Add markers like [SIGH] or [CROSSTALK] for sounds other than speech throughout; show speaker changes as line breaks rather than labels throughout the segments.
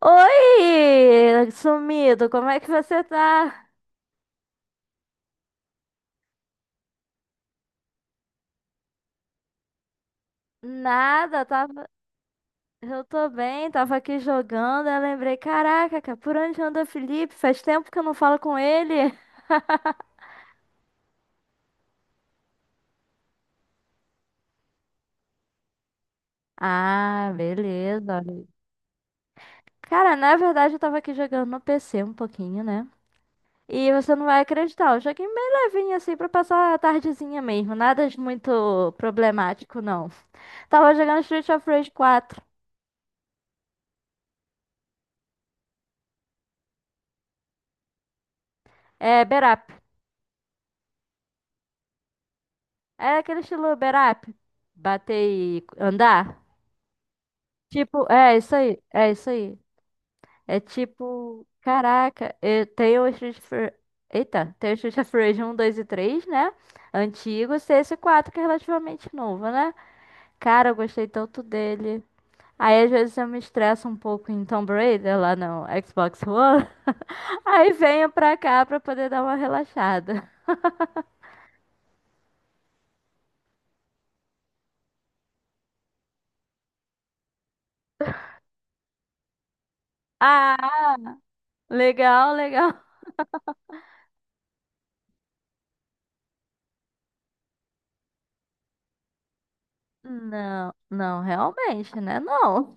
Oi, sumido, como é que você tá? Nada, tava... Eu tô bem, tava aqui jogando, eu lembrei, caraca, cara, por onde anda o Felipe? Faz tempo que eu não falo com ele. Ah, beleza. Cara, na verdade eu tava aqui jogando no PC um pouquinho, né? E você não vai acreditar, eu joguei bem levinho assim pra passar a tardezinha mesmo, nada de muito problemático não. Tava jogando Street of Rage 4, é, Berap. É aquele estilo berap. Bater e andar. Tipo, é isso aí. É isso aí. É tipo, caraca, eu tenho o Street of Rage- Eita, tem o Street of Rage 1, 2 e 3, né? Antigo, cs quatro, que é relativamente novo, né? Cara, eu gostei tanto dele. Aí às vezes eu me estresso um pouco em Tomb Raider lá no Xbox One. [LAUGHS] Aí venho pra cá pra poder dar uma relaxada. Ah, legal, legal. Não, não, realmente, né? Não.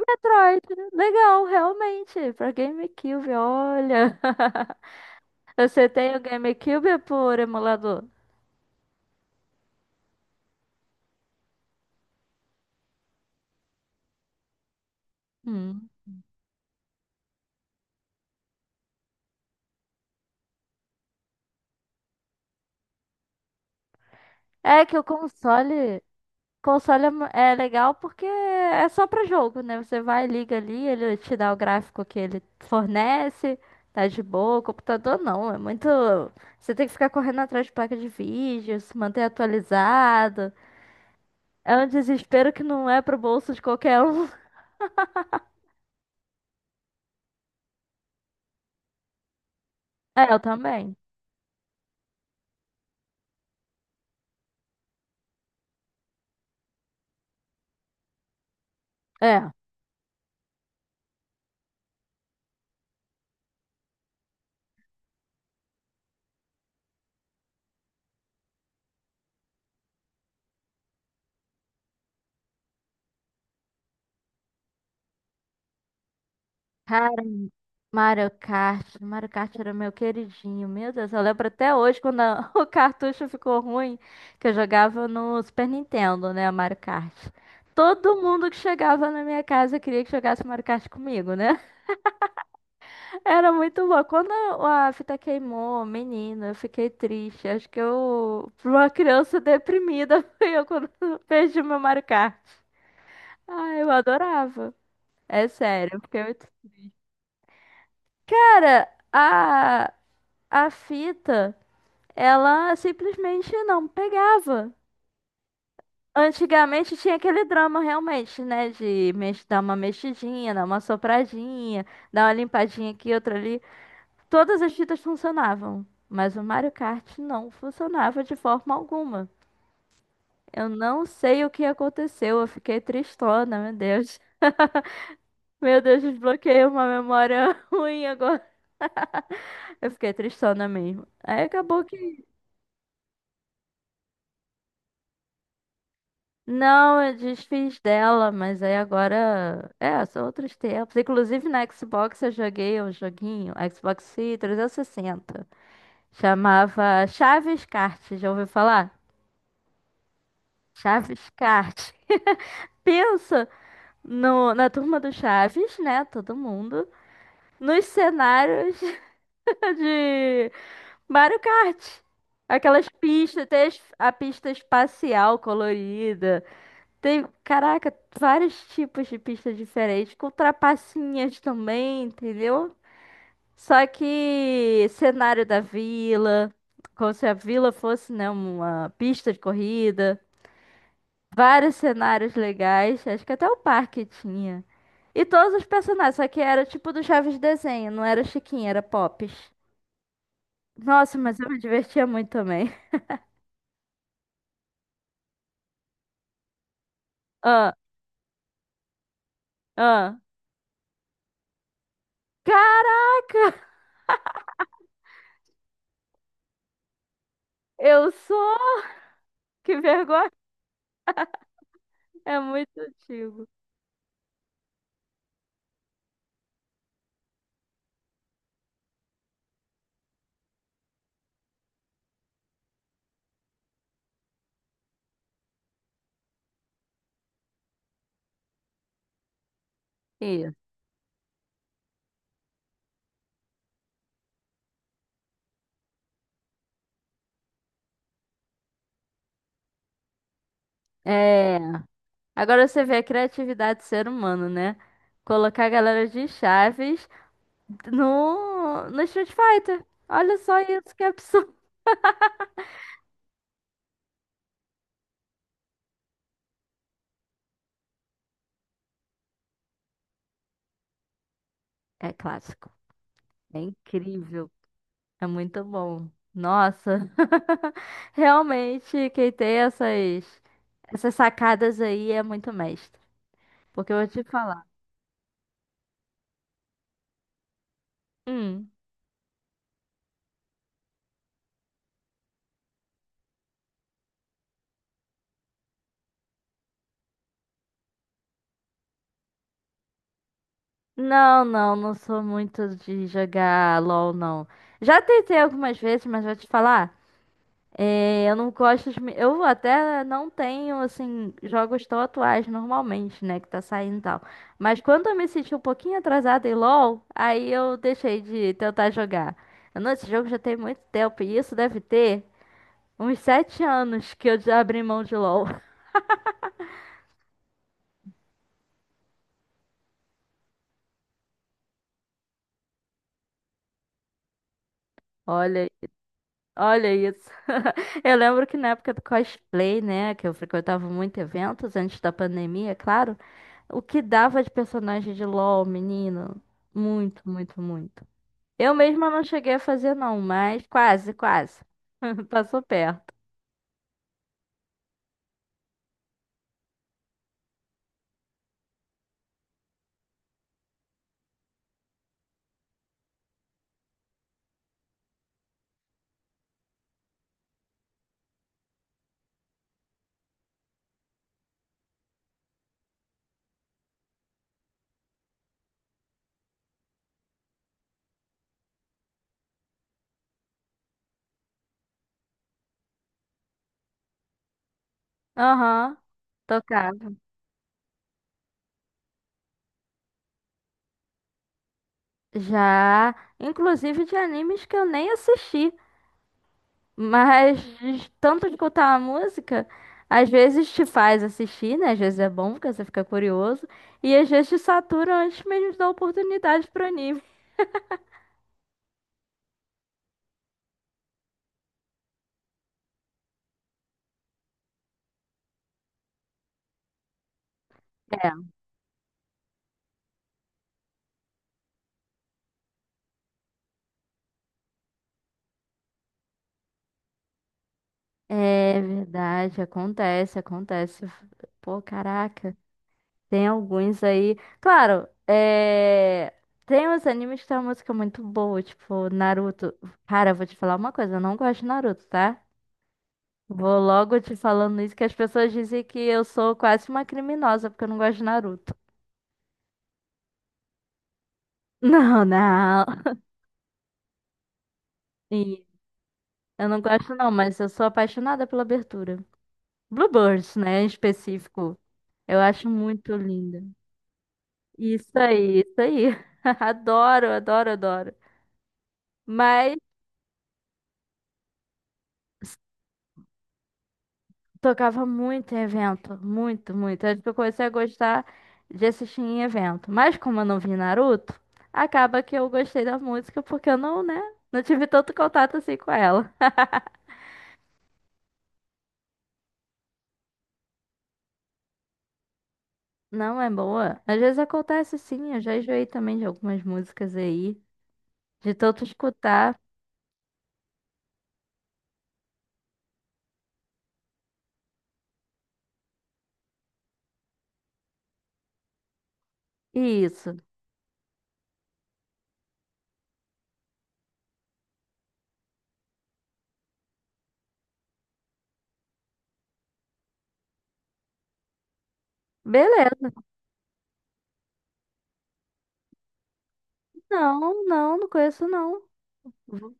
Metroid, legal, realmente, pra GameCube, olha. [LAUGHS] Você tem o GameCube por emulador? Hum. É que o console é legal porque é só pra jogo, né? Você vai, liga ali, ele te dá o gráfico que ele fornece, tá de boa. O computador não, é muito. Você tem que ficar correndo atrás de placa de vídeo, se manter atualizado. É um desespero que não é pro bolso de qualquer um. [LAUGHS] É, eu também. É. Cara, Mario Kart. Mario Kart era meu queridinho. Meu Deus, eu lembro até hoje quando [LAUGHS] o cartucho ficou ruim, que eu jogava no Super Nintendo, né, Mario Kart. Todo mundo que chegava na minha casa queria que jogasse Mario Kart comigo, né? [LAUGHS] Era muito bom. Quando a fita queimou, menina, eu fiquei triste. Acho que eu, pra uma criança deprimida, [LAUGHS] fui eu quando [LAUGHS] perdi meu Mario Kart. Ah, eu adorava. É sério, porque muito. Cara, a fita, ela simplesmente não pegava. Antigamente tinha aquele drama realmente, né? De dar uma mexidinha, dar uma sopradinha, dar uma limpadinha aqui, outra ali. Todas as fitas funcionavam, mas o Mario Kart não funcionava de forma alguma. Eu não sei o que aconteceu, eu fiquei tristona, meu Deus. Meu Deus, desbloqueei uma memória [LAUGHS] ruim agora. Eu fiquei tristona mesmo. Aí acabou que... Não, eu desfiz dela, mas aí agora. É, são outros tempos. Inclusive na Xbox eu joguei um joguinho, Xbox 360. Chamava Chaves Kart, já ouviu falar? Chaves Kart. [LAUGHS] Pensa no, na turma do Chaves, né? Todo mundo. Nos cenários [LAUGHS] de Mario Kart. Aquelas pistas, tem a pista espacial colorida. Tem, caraca, vários tipos de pista diferentes, com trapacinhas também, entendeu? Só que cenário da vila, como se a vila fosse, né, uma pista de corrida, vários cenários legais, acho que até o parque tinha. E todos os personagens, só que era tipo do Chaves desenho, não era Chiquinha, era Pops. Nossa, mas eu me divertia muito também. [LAUGHS] Ah, ah. Cara, eu sou! [LAUGHS] Que vergonha! É muito antigo. Isso. É. Agora você vê a criatividade do ser humano, né? Colocar a galera de Chaves no Street Fighter. Olha só isso, que absurdo. É clássico. É incrível. É muito bom. Nossa. [LAUGHS] Realmente, quem tem essas, essas sacadas aí é muito mestre. Porque eu vou te falar. Hum. Não, não, não sou muito de jogar LOL, não. Já tentei algumas vezes, mas vou te falar. É, eu não gosto Eu até não tenho, assim, jogos tão atuais normalmente, né? Que tá saindo e tal. Mas quando eu me senti um pouquinho atrasada em LoL, aí eu deixei de tentar jogar. Não, esse jogo já tem muito tempo. E isso deve ter uns sete anos que eu já abri mão de LoL. [LAUGHS] Olha, olha isso. [LAUGHS] Eu lembro que na época do cosplay, né? Que eu frequentava muito eventos antes da pandemia, é claro. O que dava de personagem de LoL, menino? Muito, muito, muito. Eu mesma não cheguei a fazer, não, mas quase, quase. [LAUGHS] Passou perto. Aham, tocava. Já, inclusive de animes que eu nem assisti, mas de tanto de escutar a música, às vezes te faz assistir, né? Às vezes é bom, porque você fica curioso, e às vezes te satura antes mesmo de dar oportunidade pro anime. É verdade, acontece, acontece. Pô, caraca. Tem alguns aí. Claro, tem uns animes que tem uma música muito boa, tipo Naruto. Cara, eu vou te falar uma coisa, eu não gosto de Naruto, tá? Vou logo te falando isso, que as pessoas dizem que eu sou quase uma criminosa porque eu não gosto de Naruto. [LAUGHS] Não, não. E eu não gosto não, mas eu sou apaixonada pela abertura. Bluebirds, né, em específico. Eu acho muito linda. Isso aí, isso aí. [LAUGHS] Adoro, adoro, adoro. Mas tocava muito em evento, muito, muito. Antes que eu comecei a gostar de assistir em evento. Mas como eu não vi Naruto, acaba que eu gostei da música porque eu não, né, não tive tanto contato assim com ela. [LAUGHS] Não é boa? Às vezes acontece sim, eu já enjoei também de algumas músicas aí, de tanto escutar. Isso. Beleza. Não, não, não conheço não. Vou-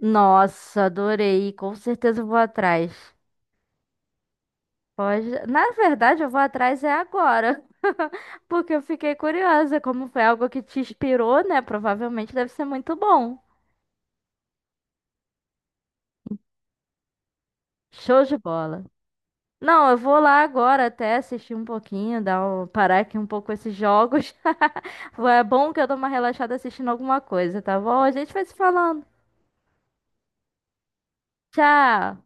Nossa, adorei. Com certeza eu vou atrás. Pode. Na verdade, eu vou atrás é agora. [LAUGHS] Porque eu fiquei curiosa, como foi algo que te inspirou, né? Provavelmente deve ser muito bom. Show de bola. Não, eu vou lá agora até assistir um pouquinho, parar aqui um pouco esses jogos. [LAUGHS] É bom que eu dou uma relaxada assistindo alguma coisa, tá bom? A gente vai se falando. Tchau!